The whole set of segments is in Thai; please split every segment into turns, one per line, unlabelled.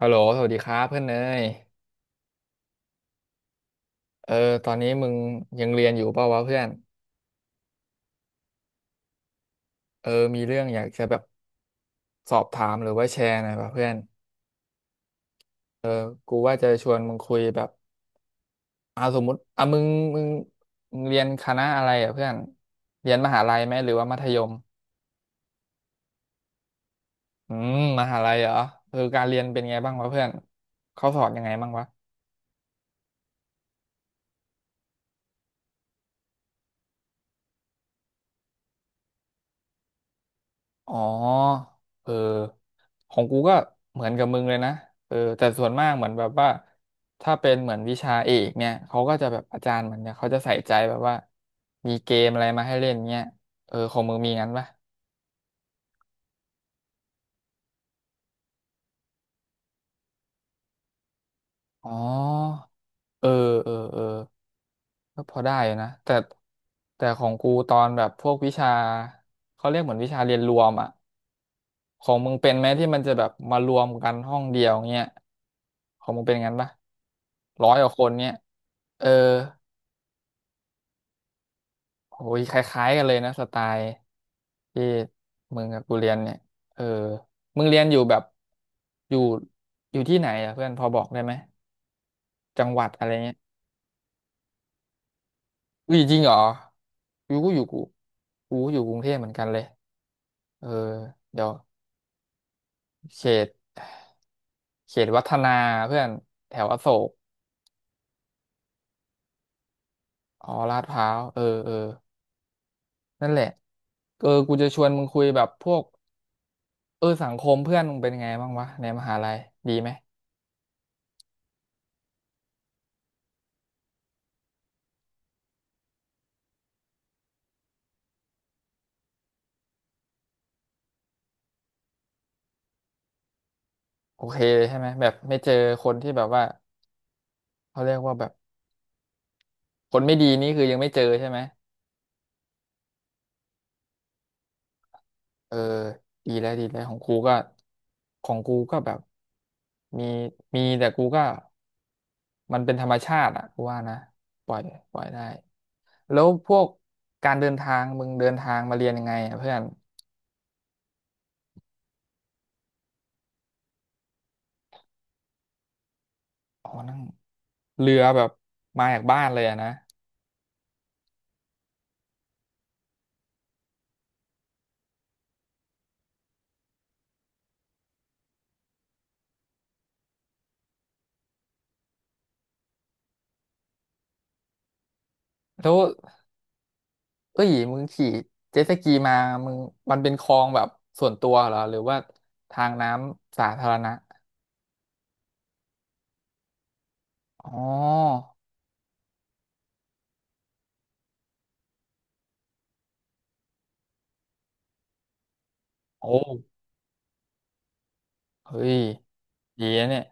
ฮัลโหลสวัสดีครับเพื่อนเนยเออตอนนี้มึงยังเรียนอยู่เปล่าวะเพื่อนเออมีเรื่องอยากจะแบบสอบถามหรือว่าแชร์หน่อยวะเพื่อนเออกูว่าจะชวนมึงคุยแบบสมมติอ่ะมึงมึงมึงเรียนคณะอะไรอ่ะเพื่อนเรียนมหาลัยไหมหรือว่ามัธยมอืมมหาลัยเหรอเออการเรียนเป็นไงบ้างวะเพื่อนเขาสอนยังไงบ้างวะ อ๋อเออของกูก็เหมือนกับมึงเลยนะเออแต่ส่วนมากเหมือนแบบว่า ถ้าเป็นเหมือนวิชาเอกเนี่ยเขาก็จะแบบอาจารย์เหมือนเนี่ยเขาจะใส่ใจแบบว่ามีเกมอะไรมาให้เล่นเนี่ยเออของมึงมีงั้นปะอ๋อเออก็พอได้อยู่นะแต่ของกูตอนแบบพวกวิชา เขาเรียกเหมือนวิชาเรียนรวมอ่ะ ของมึงเป็นไหมที่มันจะแบบมารวมกันห้องเดียวเงี้ยของมึงเป็นงั้นปะร้อยกว่าคนเนี้ยเออโอ้ยคล้ายๆกันเลยนะสไตล์ที่มึงกับกูเรียนเนี่ยเออมึงเรียนอยู่แบบอยู่อยู่ที่ไหนอ่ะเพื่อนพอบอกได้ไหมจังหวัดอะไรเงี้ยอุ้ยจริงเหรออยู่กูอยู่กูกูก็อยู่กรุงเทพเหมือนกันเลยเออเดี๋ยวเขตเขตวัฒนาเพื่อนแถวอโศกอ๋อลาดพร้าวเออเออ นั่นแหละเออกูจะชวนมึงคุยแบบพวกเออสังคมเพื่อนมึงเป็นไงบ้างวะในมหาลัยดีไหมโอเคเลยใช่ไหมแบบไม่เจอคนที่แบบว่าเขาเรียกว่าแบบคนไม่ดีนี่คือยังไม่เจอใช่ไหมเออดีแล้วดีแล้วของกูก็ของกูก็แบบมีมีแต่กูก็มันเป็นธรรมชาติอ่ะกูว่านะปล่อยปล่อยได้แล้วพวกการเดินทางมึงเดินทางมาเรียนยังไงอ่ะเพื่อนอ๋อนั่งเรือแบบมาจากบ้านเลยอะนะ แล้วเอ้ยมึงขี่เจ็ตสกีมามึงมันเป็นคลองแบบส่วนตัวเหรอหรือว่าทางน้ำสาธารณะอ๋อโอ้เฮ้ยดีนะเนี่ย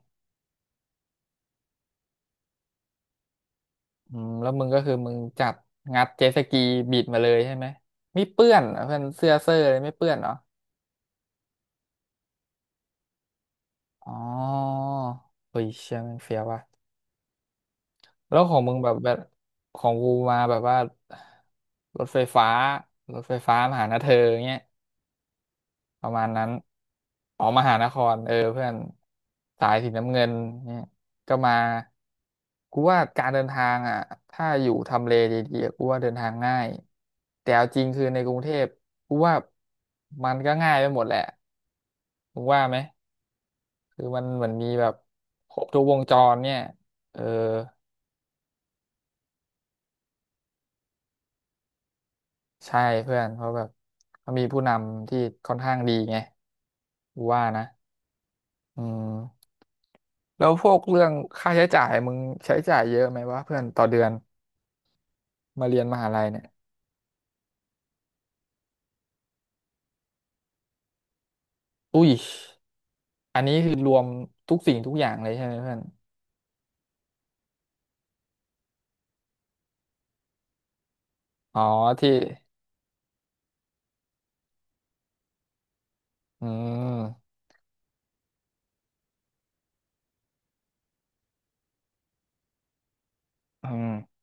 อืมแล้วมึงก็คือมึงจับงัดเจ็ตสกีบิดมาเลยใช่ไหมไม่เปื้อนเหรอเพื่อนเสื้อเซอรอเลยไม่เปื้อนเหรออ๋อเฮ้ยเชี่ยแมันเฟี้ยวว่ะ แล้วของมึงแบบของกูมาแบบว่ารถไฟฟ้ารถไฟฟ้ามาหานะเธอเงี้ย ประมาณนั้นออกมหานครเออเพื่อนสายสีน้ำเงินเนี่ยก็มากูว่าการเดินทางอ่ะถ้าอยู่ทำเลดีๆอะกูว่าเดินทางง่ายแต่เอาจริงคือในกรุงเทพกูว่ามันก็ง่ายไปหมดแหละมึงว่าไหมคือมันเหมือนมีแบบครบทุกวงจรเนี่ยเออใช่เพื่อนเพราะแบบเขามีผู้นำที่ค่อนข้างดีไงกูว่านะอืม แล้วพวกเรื่องค่าใช้จ่ายมึงใช้จ่ายเยอะไหมวะเพื่อนต่อเดือนมาเรียนมหาลัยเนี่ยอุ้ยอันนี้คือรวมทุกสิ่งทุกอย่างเลยใช่ไหมเพื่อนอ๋อที่อืม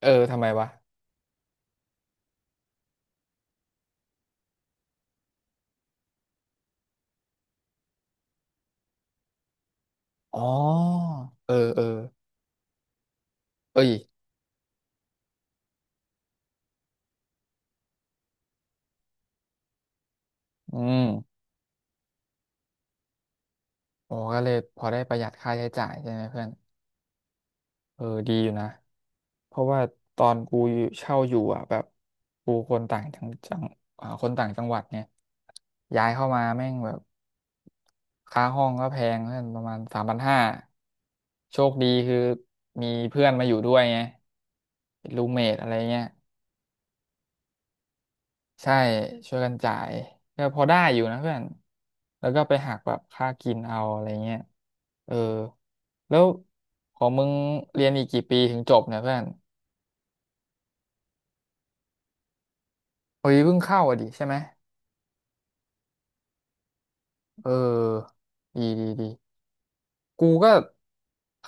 เออทำไมวะอ๋อเออเอ้ยอืมโอ้ก็เลยพอได้ประหยัดค่าใช้จ่ายใช่ไหมเพื่อน เออดีอยู่นะเพราะว่าตอนกูอยู่เช่าอยู่อ่ะแบบกูคนต่างจังจังคนต่างจังหวัดเนี่ยย้ายเข้ามาแม่งแบบค่าห้องก็แพงเพื่อนประมาณ3,500โชคดีคือมีเพื่อนมาอยู่ด้วยไงเป็นรูเมทอะไรเงี้ยใช่ช่วยกันจ่ายก็พอได้อยู่นะเพื่อนแล้วก็ไปหักแบบค่ากินเอาอะไรเงี้ยเออแล้วของมึงเรียนอีกกี่ปีถึงจบเนี่ยเพื่อน เฮ้ยเพิ่งเข้าอ่ะดิใช่ไหมเออดีดีดีกูก็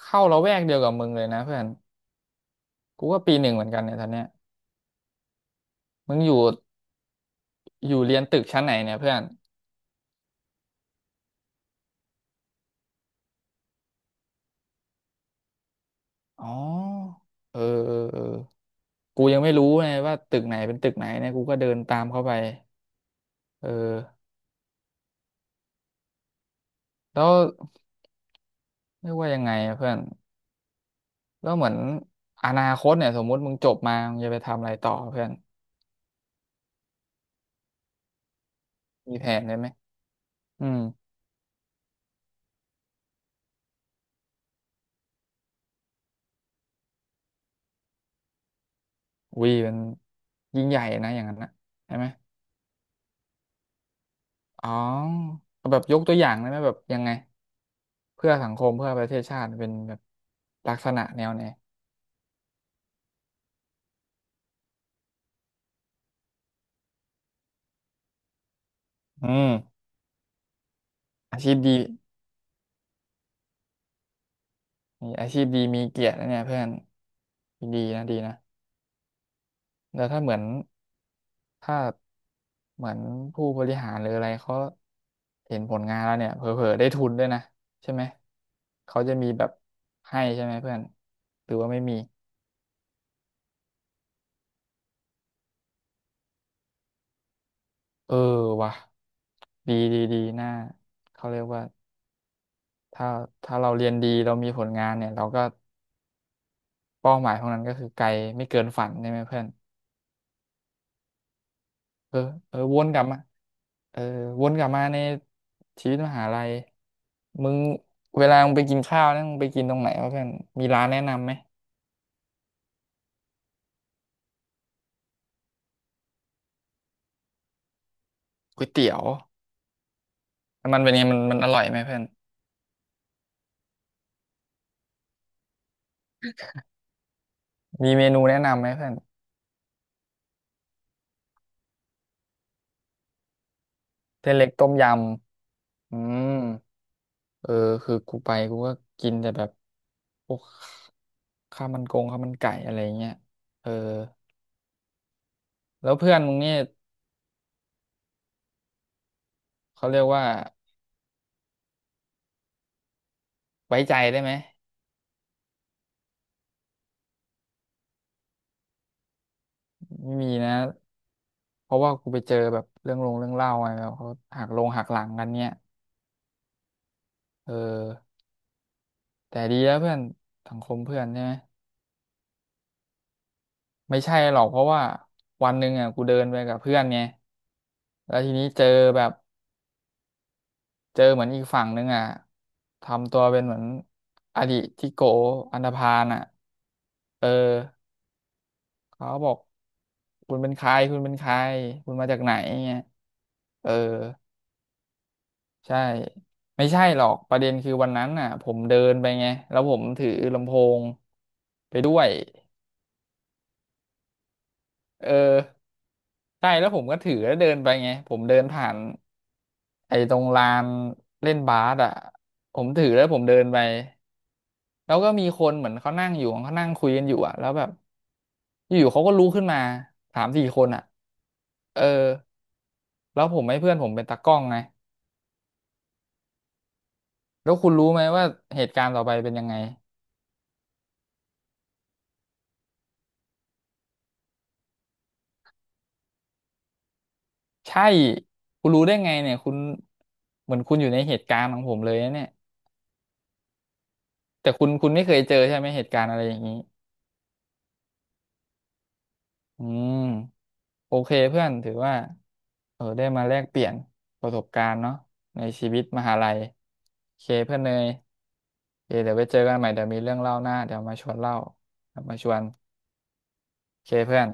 เข้าละแวกเดียวกับมึงเลยนะเพื่อนกูก็ปีหนึ่งเหมือนกันเนี่ยตอนเนี้ยมึงอยู่อยู่เรียนตึกชั้นไหนเนี่ยเพื่อนอ๋อเออกูยังไม่รู้เลยว่าตึกไหนเป็นตึกไหนเนี่ยกูก็เดินตามเข้าไปเออแล้วเรียกว่ายังไงอะเพื่อนแล้วเหมือนอนาคตเนี่ยสมมุติมึงจบมามึงจะไปทำอะไรต่อเพื่อนมีแผนได้ไหมอืมวีมันยิ่งใหญ่นะอย่างนั้นนะใช่ไหม อ๋อเอาแบบยกตัวอย่างได้ไหมแบบยังไงเพื่อสังคมเพื่อประเทศชาติเป็นแบบลักษณะแนวไหนอืมอาชีพดีมีอาชีพดีมีเกียรตินะเนี่ยเพื่อนดีนะดีนะแล้วถ้าเหมือนผู้บริหารหรืออะไรเขาเห็นผลงานแล้วเนี่ยเผลอๆได้ทุนด้วยนะใช่ไหมเขาจะมีแบบให้ใช่ไหมเพื่อนหรือว่าไม่มีเออว่ะดีดีดีน่าเขาเรียกว่า ถ้าถ้าเราเรียนดีเรามีผลงานเนี่ยเราก็เป้าหมายของนั้นก็คือไกลไม่เกินฝันใช่ไหมเพื่อนเออเออวนกลับมาเออวนกลับมาในชีวิตมหาลัยมึงเวลามึงไปกินข้าวเนี่ยมึงไปกินตรงไหนวะเพื่อนมีร้านแนะนำไหมก๋วยเตี๋ยวมันเป็นไงมันอร่อยไหมเพื่อนมีเมนูแนะนำไหมเพื่อนเส้นเล็กต้มยำอืมเออคือกูไปกูกินแต่แบบพวกข้าวมันกงข้าวมันไก่อะไรเงี้ยเออแล้วเพื่อนมึงเนี่ย เขาเรียกว่าไว้ใจได้ไหมไม่มีนะเพราะว่ากูไปเจอแบบเรื่องลงเรื่องเล่าอะไรแบบเขาหักลงหักหลังกันเนี่ยเออแต่ดีแล้วเพื่อนสังคมเพื่อนใช่ไหมไม่ใช่หรอกเพราะว่าวันหนึ่งอ่ะกูเดินไปกับเพื่อนไงแล้วทีนี้เจอแบบเจอเหมือนอีกฝั่งหนึ่งอ่ะทำตัวเป็นเหมือนอดีตที่โกอันธพาลอ่ะเออเขาบอกคุณเป็นใครคุณมาจากไหนเงี้ยเออ ใช่ไม่ใช่หรอกประเด็นคือวันนั้นน่ะผมเดินไปไงแล้วผมถือลำโพงไปด้วยเออใช่แล้วผมก็ถือแล้วเดินไปไงผมเดินผ่านไอ้ตรงลานเล่นบาสอ่ะผมถือแล้วผมเดินไปแล้วก็มีคนเหมือนเขานั่งอยู่เขานั่งคุยกันอยู่อ่ะแล้วแบบอยู่ๆเขาก็ลุกขึ้นมาสามสี่คนอ่ะเออแล้วผมให้เพื่อนผมเป็นตากล้องไงแล้วคุณรู้ไหมว่าเหตุการณ์ต่อไปเป็นยังไง ใช่คุณรู้ได้ไงเนี่ยคุณเหมือนคุณอยู่ในเหตุการณ์ของผมเลยนะเนี่ยแต่คุณไม่เคยเจอใช่ไหมเหตุการณ์อะไรอย่างนี้อืมโอเคเพื่อนถือว่าเออได้มาแลกเปลี่ยนประสบการณ์เนาะในชีวิตมหาลัยโอเคเพื่อนเนยโอเคเดี๋ยวไปเจอกันใหม่เดี๋ยวมีเรื่องเล่าหน้าเดี๋ยวมาชวนเล่าเดี๋ยวมาชวนโอเคเพื่อน